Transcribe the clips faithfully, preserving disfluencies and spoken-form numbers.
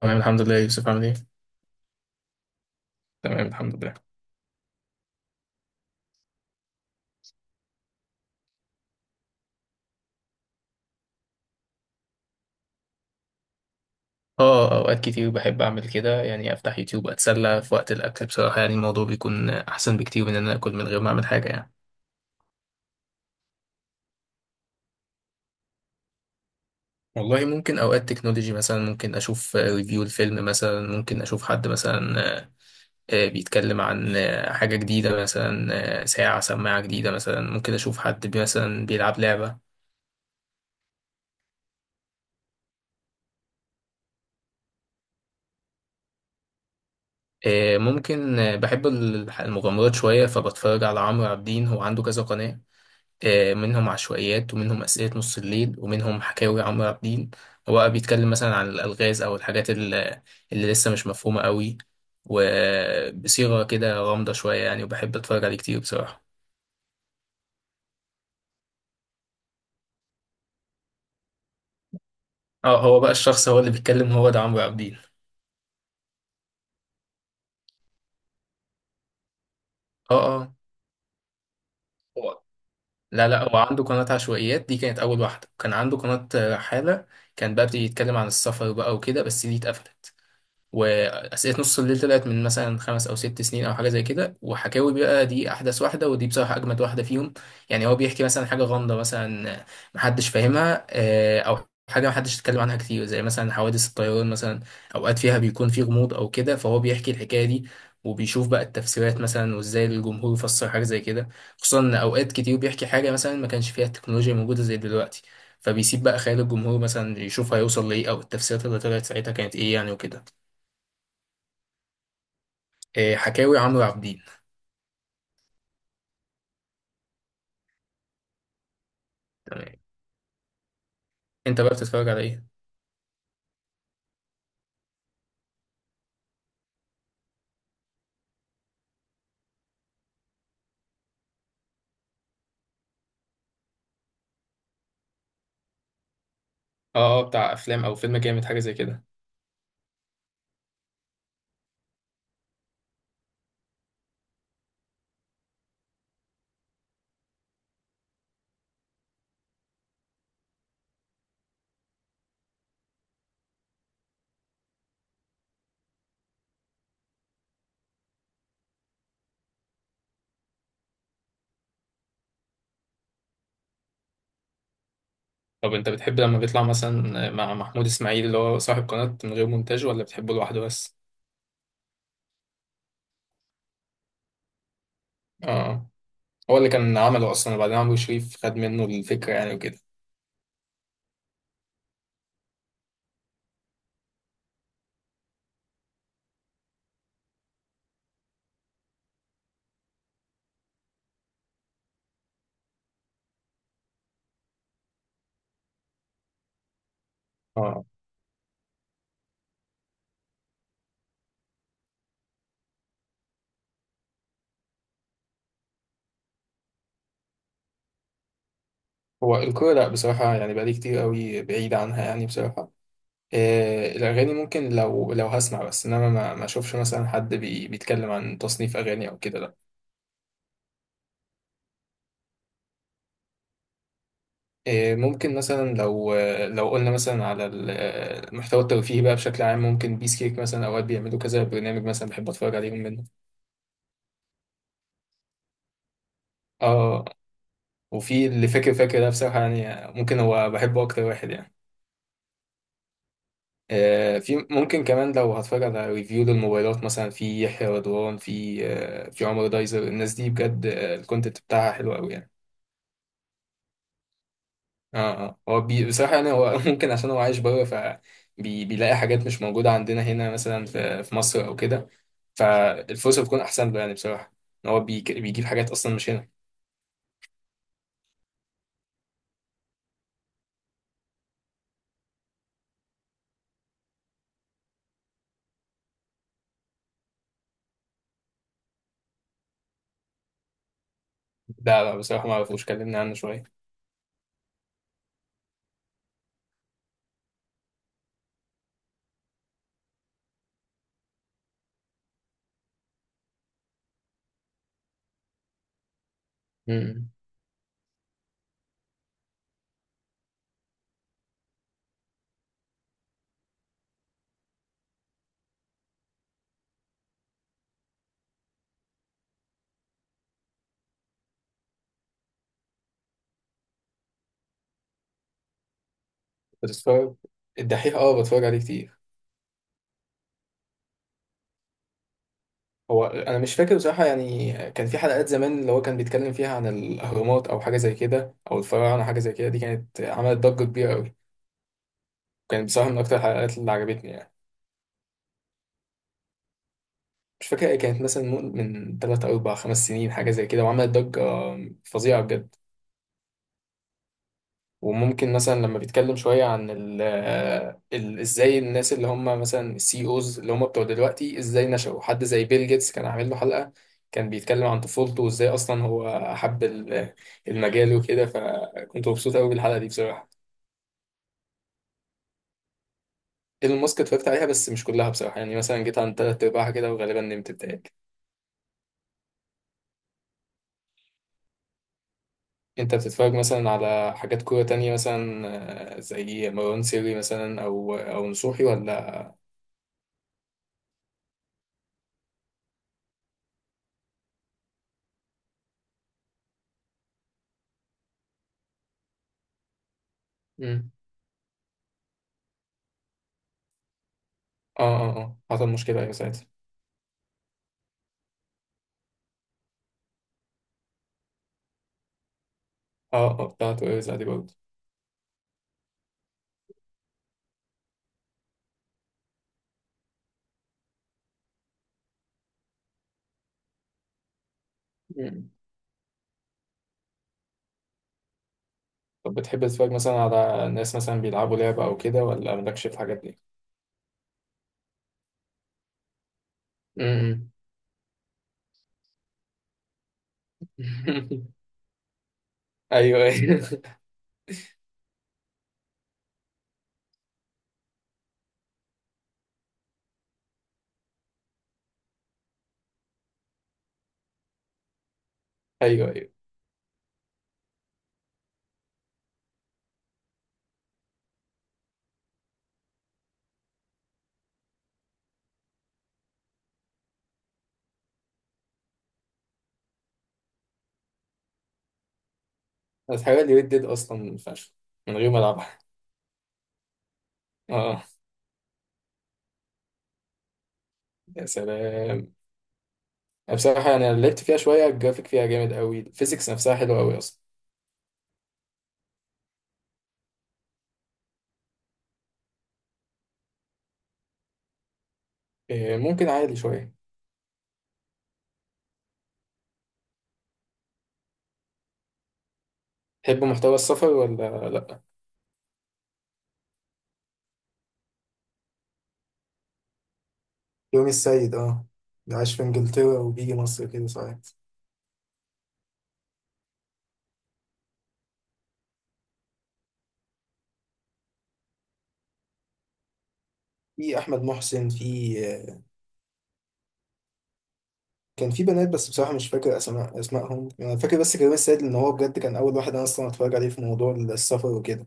تمام الحمد لله يا يوسف عامل ايه؟ تمام الحمد لله. اه، اوقات كتير بحب اعمل كده، يعني افتح يوتيوب اتسلى في وقت الاكل بصراحة، يعني الموضوع بيكون احسن بكتير من ان انا اكل من غير ما اعمل حاجة يعني. والله ممكن اوقات تكنولوجي مثلا، ممكن اشوف ريفيو الفيلم مثلا، ممكن اشوف حد مثلا آه، بيتكلم عن آه، حاجة جديدة مثلا، آه، ساعة سماعة جديدة مثلا، ممكن اشوف حد بي- مثلا بيلعب لعبة. آه، ممكن آه، بحب الح- المغامرات شوية، فبتفرج على عمرو عابدين، هو عنده كذا قناة، آه، منهم عشوائيات ومنهم أسئلة نص الليل ومنهم حكاوي عمرو عبد الدين. هو بقى بيتكلم مثلا عن الألغاز أو الحاجات اللي, اللي لسه مش مفهومة قوي، وبصيغة كده غامضة شوية يعني، وبحب أتفرج عليه كتير بصراحة. اه، هو بقى الشخص هو اللي بيتكلم، هو ده عمرو عبد الدين. اه اه. هو لا لا، هو عنده قناة عشوائيات، دي كانت أول واحدة، كان عنده قناة رحالة، كان بقى بيتكلم عن السفر بقى وكده، بس دي اتقفلت. واسئله نص الليل طلعت من مثلا خمس او ست سنين او حاجه زي كده، وحكاوي بقى دي احدث واحده، ودي بصراحه اجمد واحده فيهم. يعني هو بيحكي مثلا حاجه غامضه مثلا، محدش فاهمها، آه، او حاجه محدش اتكلم عنها كتير، زي مثلا حوادث الطيران مثلا، اوقات فيها بيكون في غموض او كده، فهو بيحكي الحكايه دي، وبيشوف بقى التفسيرات مثلا، وازاي الجمهور يفسر حاجه زي كده، خصوصا ان اوقات كتير بيحكي حاجه مثلا ما كانش فيها التكنولوجيا موجوده زي دلوقتي، فبيسيب بقى خيال الجمهور مثلا يشوف هيوصل لايه، او التفسيرات اللي طلعت ساعتها كانت ايه يعني وكده. إيه، حكاوي عمرو عابدين. تمام. انت بقى بتتفرج على ايه؟ اه اه، بتاع افلام، او فيلم جامد حاجه زي كده. طب انت بتحب لما بيطلع مثلا مع محمود اسماعيل اللي هو صاحب قناه من غير مونتاج، ولا بتحبه لوحده بس؟ اه آه. هو اللي كان عمله اصلا، وبعدين عمرو شريف خد منه الفكره يعني وكده. اه. هو الكوره لا بصراحه، يعني بقالي كتير قوي بعيد عنها يعني بصراحه. إيه، الاغاني ممكن لو لو هسمع بس، انما ما ما اشوفش مثلا حد بي بيتكلم عن تصنيف اغاني او كده لا. إيه، ممكن مثلا لو لو قلنا مثلا على ال- المحتوى الترفيهي بقى بشكل عام، ممكن بيس كيك مثلا اوقات بيعملوا كذا برنامج مثلا، بحب اتفرج عليهم منه. اه. وفي اللي فاكر فاكر ده بصراحة، يعني ممكن هو بحبه اكتر واحد يعني. آه، في ممكن كمان لو هتفرج على ريفيو للموبايلات مثلا، في يحيى رضوان، في آه، في عمر دايزر، الناس دي بجد آه، الكونتنت بتاعها حلو قوي يعني. اه اه، هو بي بصراحة يعني هو ممكن عشان هو عايش بره، فبيلاقي حاجات مش موجودة عندنا هنا مثلا في في مصر أو كده، فالفرصة بتكون أحسن له يعني بصراحة، إن هو بيك- بيجيب حاجات أصلا مش هنا. ده لا بصراحة ما أعرفوش، كلمني عنه شوية. امم بتتفرج الدحيح؟ اه، بتفرج عليه كتير. هو أنا مش فاكر بصراحة، يعني كان في حلقات زمان اللي هو كان بيتكلم فيها عن الأهرامات أو حاجة زي كده، أو الفراعنة حاجة زي كده، دي كانت عملت ضجة كبيرة أوي، كانت بصراحة من أكتر الحلقات اللي عجبتني يعني. مش فاكر، إيه، كانت مثلا من من تلات أو أربع خمس سنين حاجة زي كده، وعملت ضجة فظيعة بجد. وممكن مثلا لما بيتكلم شوية عن ال ال ازاي الناس اللي هم مثلا السي اوز اللي هم بتوع دلوقتي ازاي نشأوا، حد زي بيل جيتس كان عامل له حلقة، كان بيتكلم عن طفولته وازاي اصلا هو حب ال- المجال وكده، فكنت مبسوط قوي بالحلقة دي بصراحة. ايلون ماسك اتفرجت عليها بس مش كلها بصراحة، يعني مثلا جيت عن تلات ارباعها كده، وغالبا نمت بتاعي. انت بتتفرج مثلا على حاجات كورة تانية مثلا، آه، زي مروان سري مثلا، او او نصوحي ولا؟ مم. اه اه اه، حصل مشكلة ايوه ساعتها. اه اه، بتاعت ويرزع دي برضه. مم. طب بتحب تتفرج مثلا على ناس مثلا بيلعبوا لعبة او كده، ولا مالكش في الحاجات دي؟ مم. ايوه ايوه. ايوه ايوه، الحاجات دي ردت اصلا فشخ من غير ما العبها. اه. يا سلام. بصراحة يعني انا لعبت فيها شوية، الجرافيك فيها جامد قوي، الفيزيكس نفسها حلوة قوي اصلا. آه، ممكن عادي شوية. تحب محتوى السفر ولا لأ؟ يومي السيد اه. اللي عايش في انجلترا وبيجي مصر كده ساعات. في احمد محسن، في كان في بنات بس بصراحه مش فاكر اسماء اسمائهم انا فاكر بس كريم السيد، لان هو بجد كان اول واحد انا اصلا اتفرج عليه في موضوع السفر وكده.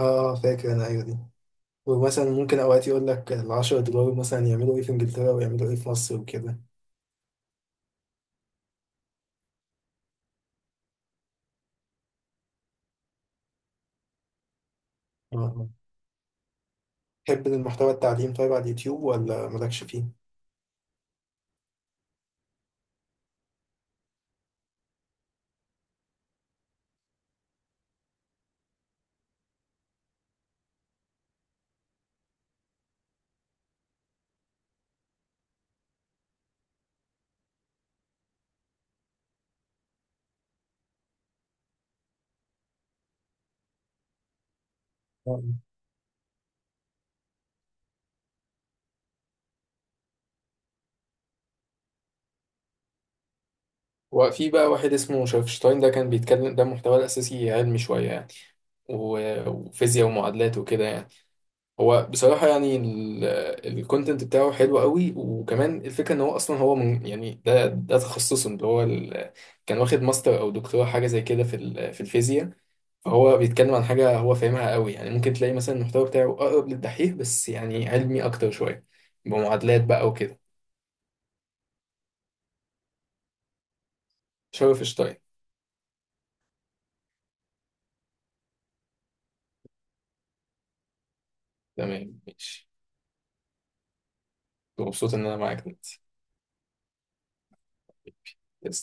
اه آه، فاكر انا ايوه دي. ومثلا ممكن اوقات يقول لك ال عشرة دولار مثلا يعملوا ايه في انجلترا، ويعملوا ايه في مصر وكده. اه آه. تحب المحتوى التعليم طيب على اليوتيوب، ولا مالكش فيه؟ آه. وفي بقى واحد اسمه شرفشتاين، ده كان بيتكلم ده محتوى الأساسي علمي شوية يعني، و- وفيزياء ومعادلات وكده يعني. هو بصراحة يعني الكونتنت بتاعه حلو قوي، وكمان الفكرة ان هو اصلا هو من يعني، ده ده تخصصه اللي هو ال- كان واخد ماستر او دكتوراه حاجة زي كده في ال- في الفيزياء، فهو بيتكلم عن حاجة هو فاهمها قوي يعني، ممكن تلاقي مثلا المحتوى بتاعه اقرب للدحيح بس يعني علمي اكتر شوية، بمعادلات بقى وكده. شرف شطاي. تمام ماشي. مبسوط ان انا معاك دلوقتي. يس.